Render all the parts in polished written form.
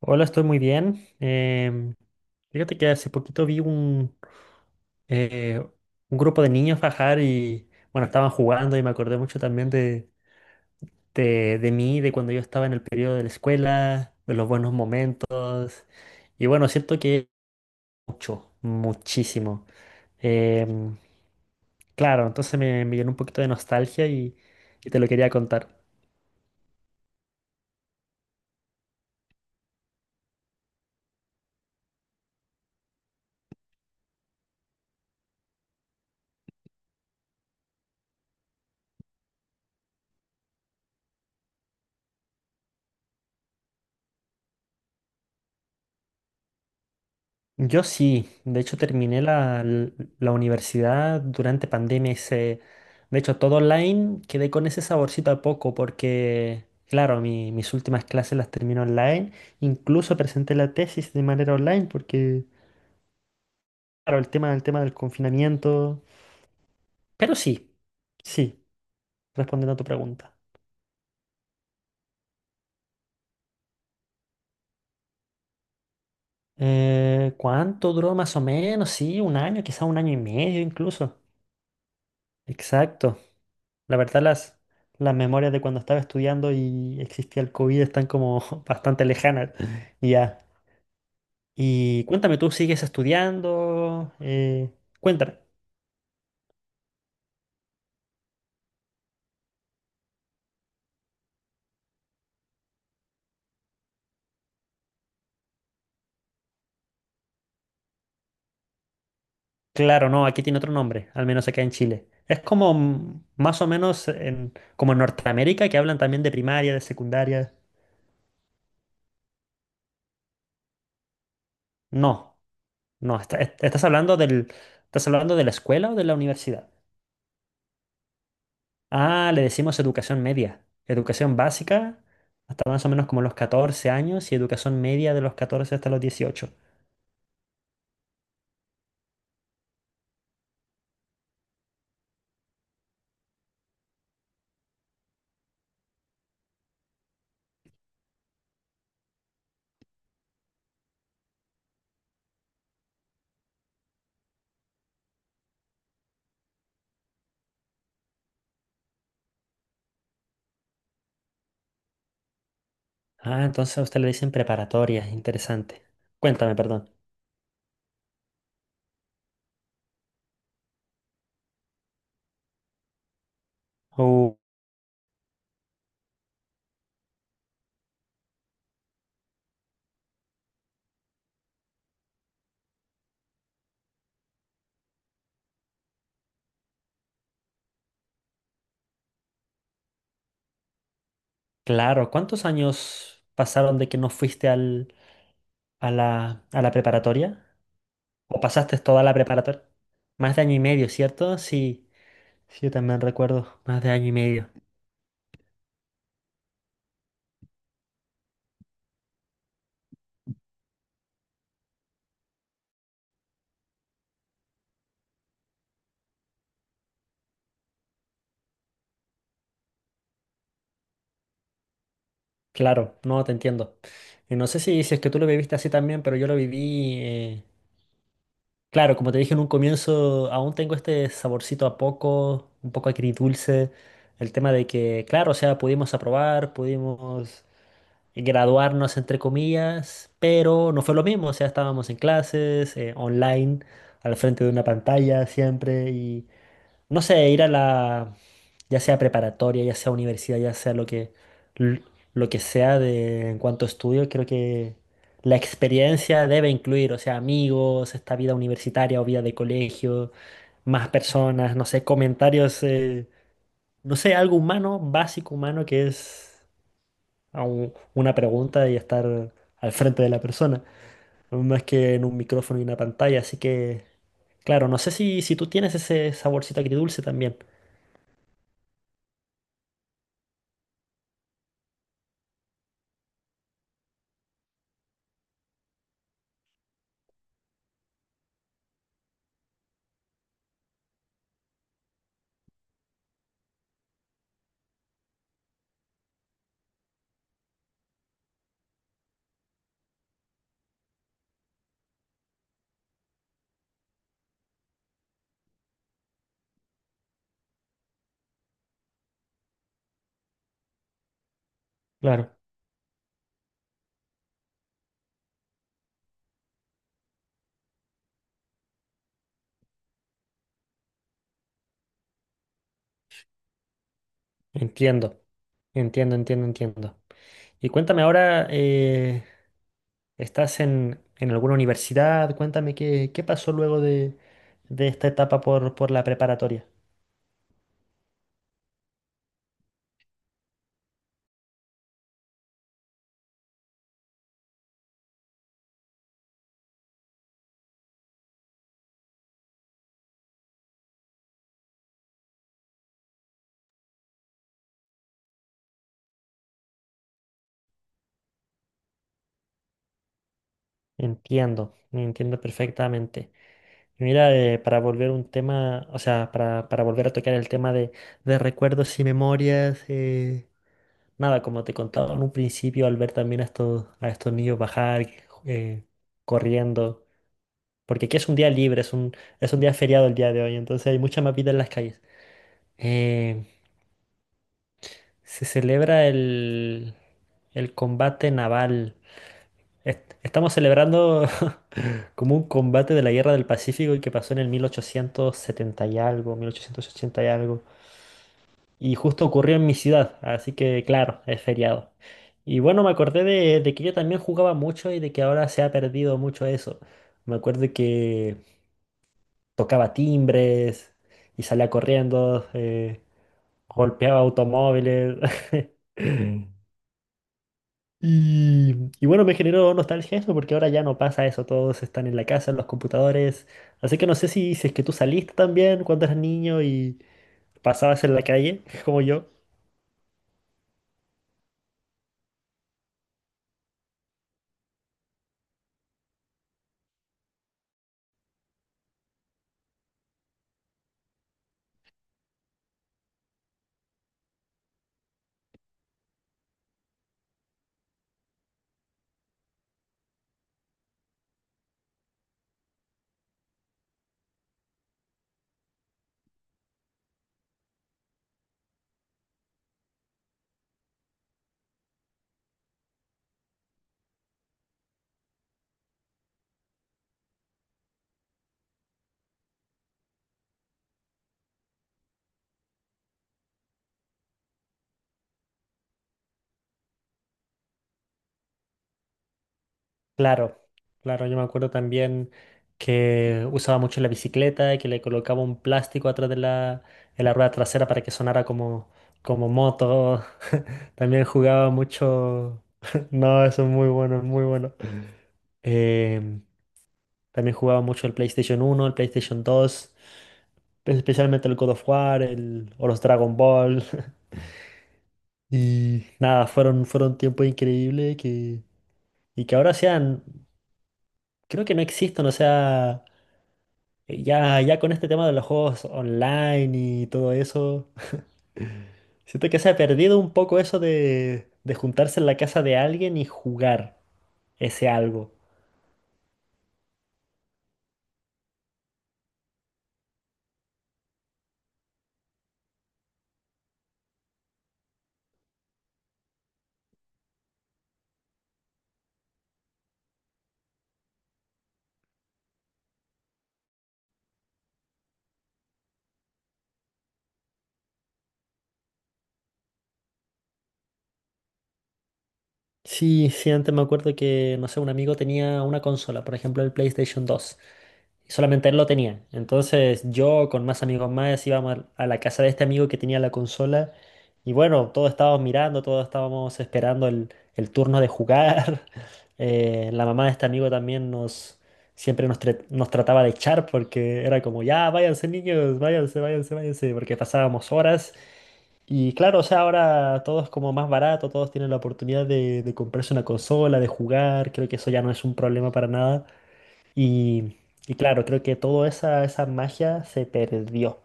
Hola, estoy muy bien. Fíjate que hace poquito vi eh, un grupo de niños bajar y, bueno, estaban jugando y me acordé mucho también de mí, de cuando yo estaba en el periodo de la escuela, de los buenos momentos. Y bueno, siento que mucho, muchísimo. Em, claro, entonces me llenó un poquito de nostalgia y te lo quería contar. Yo sí, de hecho terminé la universidad durante pandemia, hice, de hecho todo online, quedé con ese saborcito a poco porque, claro, mis últimas clases las terminé online, incluso presenté la tesis de manera online porque, claro, el tema del confinamiento, pero sí, sí, respondiendo a tu pregunta. ¿Cuánto duró más o menos? Sí, un año, quizá un año y medio incluso. Exacto. La verdad, las memorias de cuando estaba estudiando y existía el COVID están como bastante lejanas. Y ya. Y cuéntame, ¿tú sigues estudiando? Cuéntame. Claro, no, aquí tiene otro nombre, al menos acá en Chile. Es como más o menos como en Norteamérica, que hablan también de primaria, de secundaria. No, no, ¿estás hablando de la escuela o de la universidad? Ah, le decimos educación media. Educación básica hasta más o menos como los 14 años y educación media de los 14 hasta los 18. Ah, entonces a usted le dicen preparatoria, interesante. Cuéntame, perdón. Oh, claro, ¿cuántos años pasaron de que no fuiste a la preparatoria? ¿O pasaste toda la preparatoria? Más de año y medio, ¿cierto? Sí, sí, yo también recuerdo, más de año y medio. Claro, no, te entiendo. Y no sé si es que tú lo viviste así también, pero yo lo viví. Claro, como te dije en un comienzo, aún tengo este saborcito a poco, un poco agridulce. El tema de que, claro, o sea, pudimos aprobar, pudimos graduarnos, entre comillas, pero no fue lo mismo. O sea, estábamos en clases, online, al frente de una pantalla siempre, y no sé, ir ya sea preparatoria, ya sea universidad, ya sea l- lo que sea de, en cuanto a estudio, creo que la experiencia debe incluir, o sea, amigos, esta vida universitaria o vida de colegio, más personas, no sé, comentarios, no sé, algo humano, básico humano, que es a una pregunta y estar al frente de la persona, más que en un micrófono y una pantalla, así que, claro, no sé si, si tú tienes ese saborcito agridulce también, claro. Entiendo, entiendo, entiendo, entiendo. Y cuéntame ahora, ¿estás en alguna universidad? Cuéntame qué pasó luego de esta etapa por la preparatoria. Entiendo, entiendo perfectamente. Mira, para volver un tema, o sea, para volver a tocar el tema de recuerdos y memorias, nada, como te contaba en un principio, al ver también a estos niños bajar, eh, corriendo. Porque aquí es un día libre, es un día feriado el día de hoy, entonces hay mucha más vida en las calles. Eh, Se celebra el combate naval. Estamos celebrando como un combate de la Guerra del Pacífico y que pasó en el 1870 y algo, 1880 y algo. Y justo ocurrió en mi ciudad, así que claro, es feriado. Y bueno, me acordé de que yo también jugaba mucho y de que ahora se ha perdido mucho eso. Me acuerdo que tocaba timbres y salía corriendo, golpeaba automóviles. Y, y bueno, me generó nostalgia eso porque ahora ya no pasa eso, todos están en la casa, en los computadores. Así que no sé si es que tú saliste también cuando eras niño y pasabas en la calle, como yo. Claro, claro, yo me acuerdo también que usaba mucho la bicicleta y que le colocaba un plástico atrás de la rueda trasera para que sonara como moto. También jugaba mucho. No, eso es muy bueno, es muy bueno. Eh, También jugaba mucho el PlayStation 1, el PlayStation 2, pues, especialmente el God of War, o los Dragon Ball. Y nada, fueron tiempos increíbles y que ahora sean, creo que no existen, o sea. Ya con este tema de los juegos online y todo eso, siento que se ha perdido un poco eso de juntarse en la casa de alguien y jugar ese algo. Sí, sí, antes me acuerdo que, no sé, un amigo tenía una consola, por ejemplo el PlayStation 2, y solamente él lo tenía. Entonces yo con más amigos más íbamos a la casa de este amigo que tenía la consola, y bueno, todos estábamos mirando, todos estábamos esperando el turno de jugar. La mamá de este amigo también siempre nos trataba de echar porque era como, ya, váyanse niños, váyanse, váyanse, váyanse, porque pasábamos horas. Y claro, o sea, ahora todo es como más barato, todos tienen la oportunidad de comprarse una consola, de jugar, creo que eso ya no es un problema para nada. Y, y claro, creo que toda esa magia se perdió.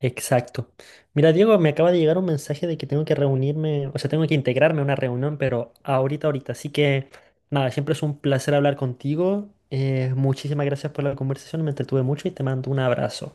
Exacto. Mira, Diego, me acaba de llegar un mensaje de que tengo que reunirme, o sea, tengo que integrarme a una reunión, pero ahorita, ahorita. Así que, nada, siempre es un placer hablar contigo. Muchísimas gracias por la conversación, me entretuve mucho y te mando un abrazo.